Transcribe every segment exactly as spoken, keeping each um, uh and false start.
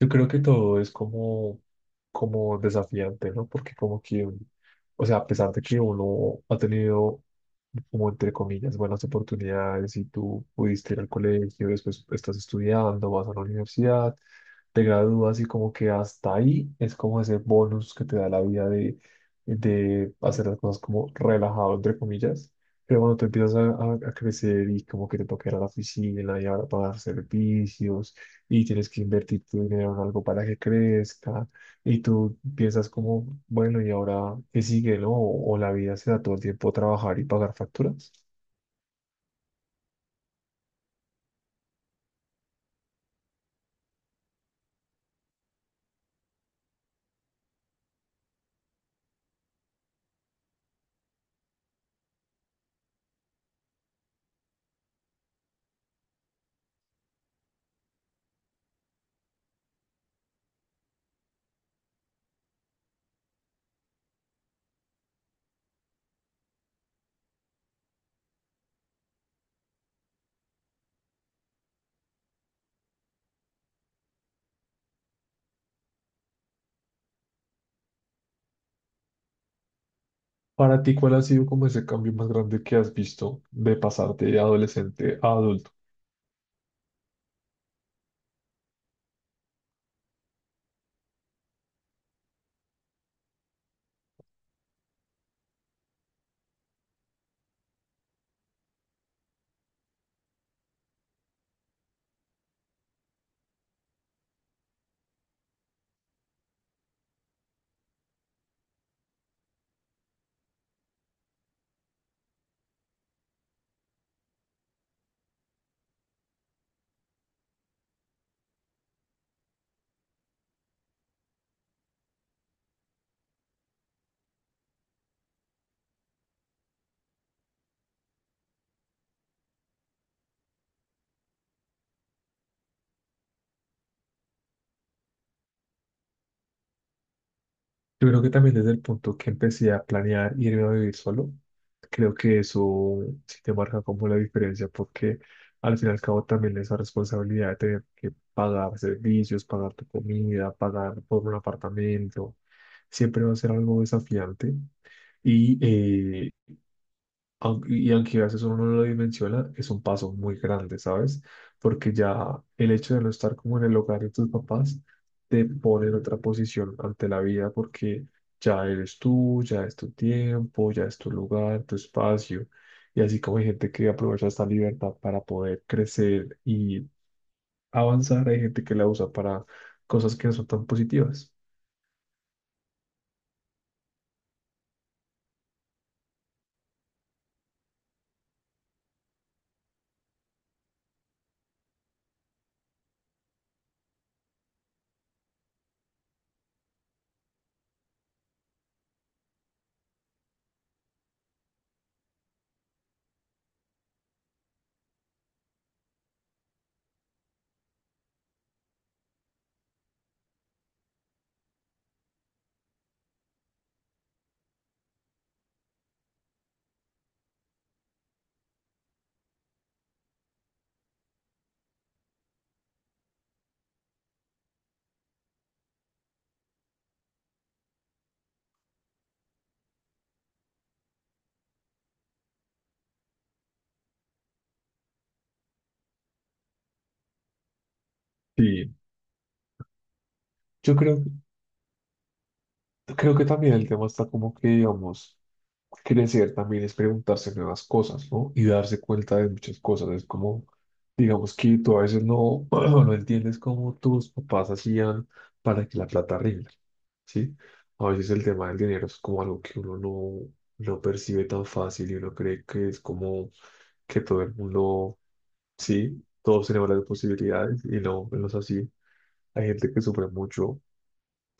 Yo creo que todo es como, como desafiante, ¿no? Porque como que, un- o sea, a pesar de que uno ha tenido como entre comillas, buenas oportunidades, si tú pudiste ir al colegio, después estás estudiando, vas a la universidad, te gradúas y como que hasta ahí es como ese bonus que te da la vida de, de hacer las cosas como relajado, entre comillas. Pero bueno te empiezas a, a- a crecer y como que te toca ir a la oficina y ahora pagar servicios y tienes que invertir tu dinero en algo para que crezca y tú piensas como, bueno, ¿y ahora qué sigue, no? O, o la vida se da todo el tiempo a trabajar y pagar facturas. Para ti, ¿cuál ha sido como ese cambio más grande que has visto de pasar de adolescente a adulto? Yo creo que también desde el punto que empecé a planear irme a vivir solo, creo que eso sí te marca como la diferencia, porque al fin y al cabo también esa responsabilidad de tener que pagar servicios, pagar tu comida, pagar por un apartamento, siempre va a ser algo desafiante. Y eh, aunque- Y aunque a veces uno no lo dimensiona, es un paso muy grande, ¿sabes? Porque ya el hecho de no estar como en el hogar de tus papás te pone en otra posición ante la vida porque ya eres tú, ya es tu tiempo, ya es tu lugar, tu espacio. Y así como hay gente que aprovecha esta libertad para poder crecer y avanzar, hay gente que la usa para cosas que no son tan positivas. Sí, yo creo, creo que también el tema está como que, digamos, crecer también es preguntarse nuevas cosas, ¿no? Y darse cuenta de muchas cosas. Es como, digamos que tú a veces no, no entiendes cómo tus papás hacían para que la plata rinda, ¿sí? A veces el tema del dinero es como algo que uno no, no percibe tan fácil y uno cree que es como que todo el mundo, sí, todos tenemos las posibilidades y no, no es así. Hay gente que sufre mucho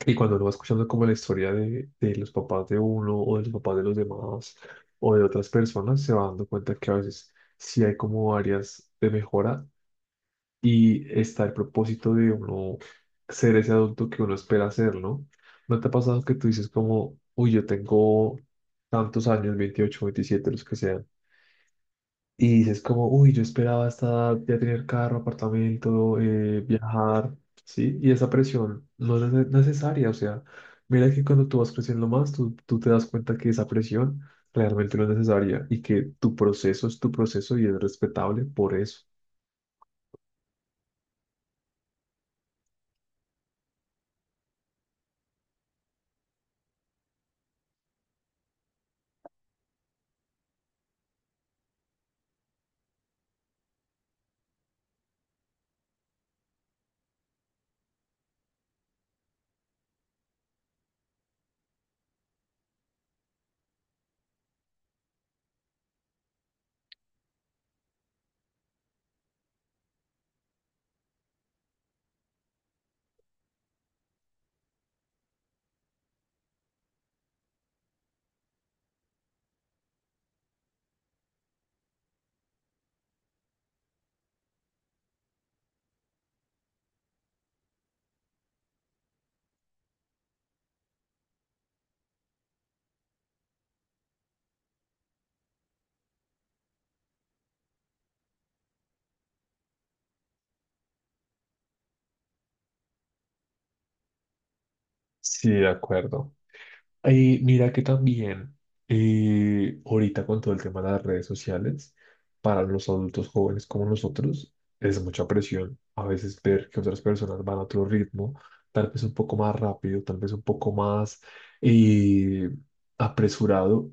y cuando uno va escuchando como la historia de, de los papás de uno o de los papás de los demás o de otras personas, se va dando cuenta que a veces sí hay como áreas de mejora y está el propósito de uno ser ese adulto que uno espera ser, ¿no? ¿No te ha pasado que tú dices como, uy, yo tengo tantos años, veintiocho veintisiete los que sean, y dices como, uy, yo esperaba hasta ya tener carro, apartamento, eh, viajar, ¿sí? Y esa presión no es nece- necesaria, o sea, mira que cuando tú vas creciendo más, tú, tú te das cuenta que esa presión realmente no es necesaria y que tu proceso es tu proceso y es respetable por eso. Sí, de acuerdo. Y mira que también eh, ahorita con todo el tema de las redes sociales, para los adultos jóvenes como nosotros, es mucha presión a veces ver que otras personas van a otro ritmo, tal vez un poco más rápido, tal vez un poco más eh, apresurado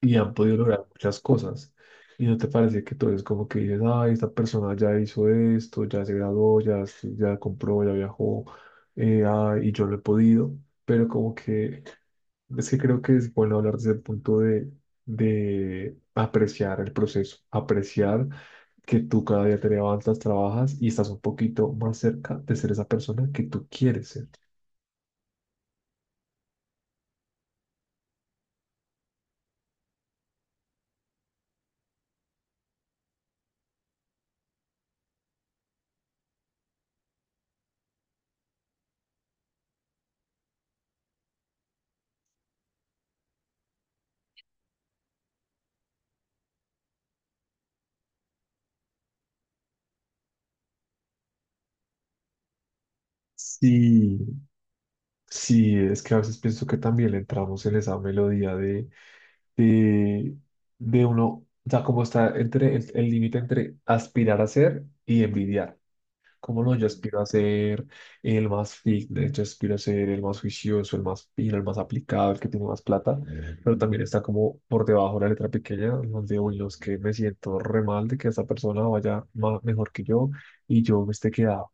y han podido lograr muchas cosas. Y no te parece que tú eres como que dices, ay, esta persona ya hizo esto, ya se graduó, ya, ya compró, ya viajó, eh, ay, y yo no he podido, pero como que es que creo que es bueno hablar desde el punto de, de apreciar el proceso, apreciar que tú cada día te levantas, trabajas y estás un poquito más cerca de ser esa persona que tú quieres ser. Sí, sí, es que a veces pienso que también le entramos en esa melodía de, de, de uno, o sea, como está entre el el límite entre aspirar a ser y envidiar. Como no, yo aspiro a ser el más fit, de hecho aspiro a ser el más juicioso, el más fino, el más aplicado, el que tiene más plata, pero también está como por debajo la letra pequeña, donde uy, los que me siento re mal de que esa persona vaya ma- mejor que yo y yo me esté quedado.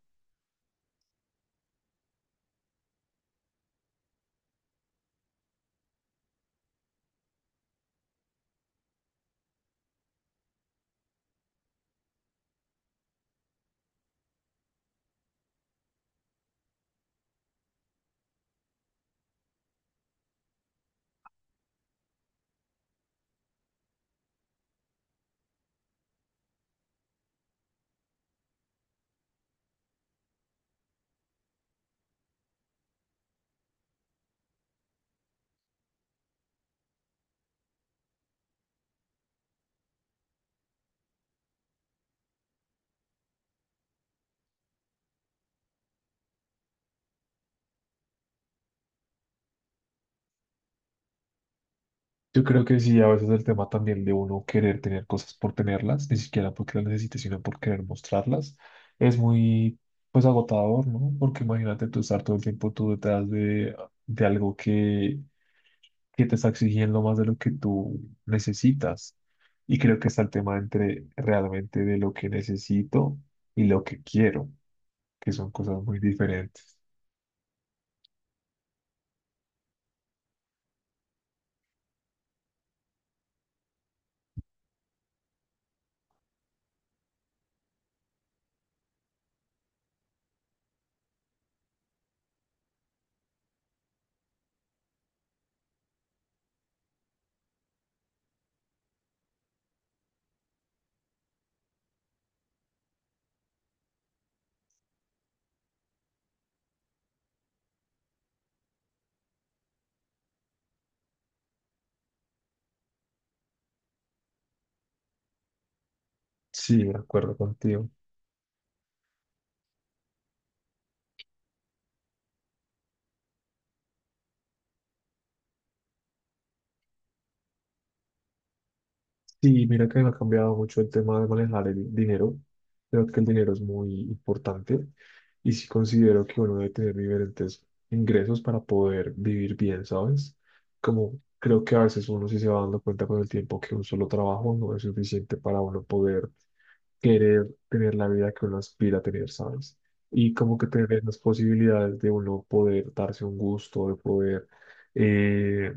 Yo creo que sí, a veces el tema también de uno querer tener cosas por tenerlas, ni siquiera porque las necesite, sino por querer mostrarlas, es muy pues agotador, ¿no? Porque imagínate tú estar todo el tiempo tú detrás de, de algo que que te está exigiendo más de lo que tú necesitas. Y creo que está el tema entre realmente de lo que necesito y lo que quiero, que son cosas muy diferentes. Sí, de acuerdo contigo. Sí, mira que ha cambiado mucho el tema de manejar el dinero. Creo que el dinero es muy importante y sí considero que uno debe tener diferentes ingresos para poder vivir bien, ¿sabes? Como creo que a veces uno sí se va dando cuenta con el tiempo que un solo trabajo no es suficiente para uno poder querer tener la vida que uno aspira a tener, ¿sabes? Y como que tener las posibilidades de uno poder darse un gusto, de poder eh,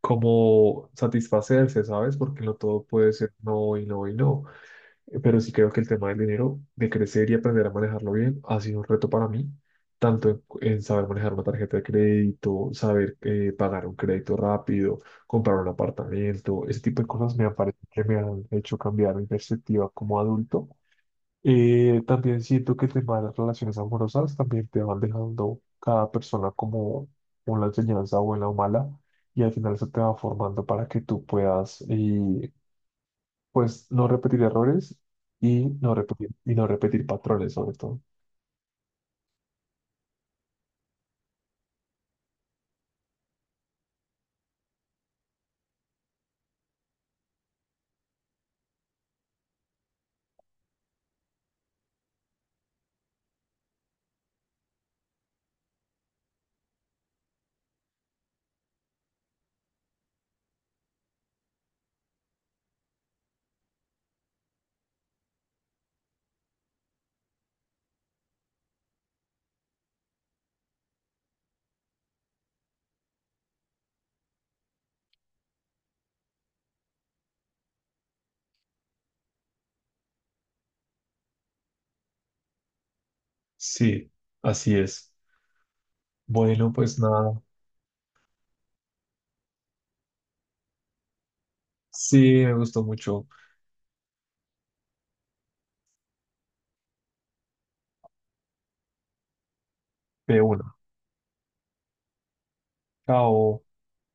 como satisfacerse, ¿sabes? Porque no todo puede ser no y no y no. Eh, Pero sí creo que el tema del dinero, de crecer y aprender a manejarlo bien, ha sido un reto para mí, tanto en, en saber manejar una tarjeta de crédito, saber eh, pagar un crédito rápido, comprar un apartamento, ese tipo de cosas me han parecido que me han hecho cambiar mi perspectiva como adulto. Eh, también siento que temas de las relaciones amorosas también te van dejando cada persona como una enseñanza buena o mala y al final eso te va formando para que tú puedas eh, pues no repetir errores y no repetir y no repetir patrones sobre todo. Sí, así es. Bueno, pues nada. Sí, me gustó mucho. De una. Chao.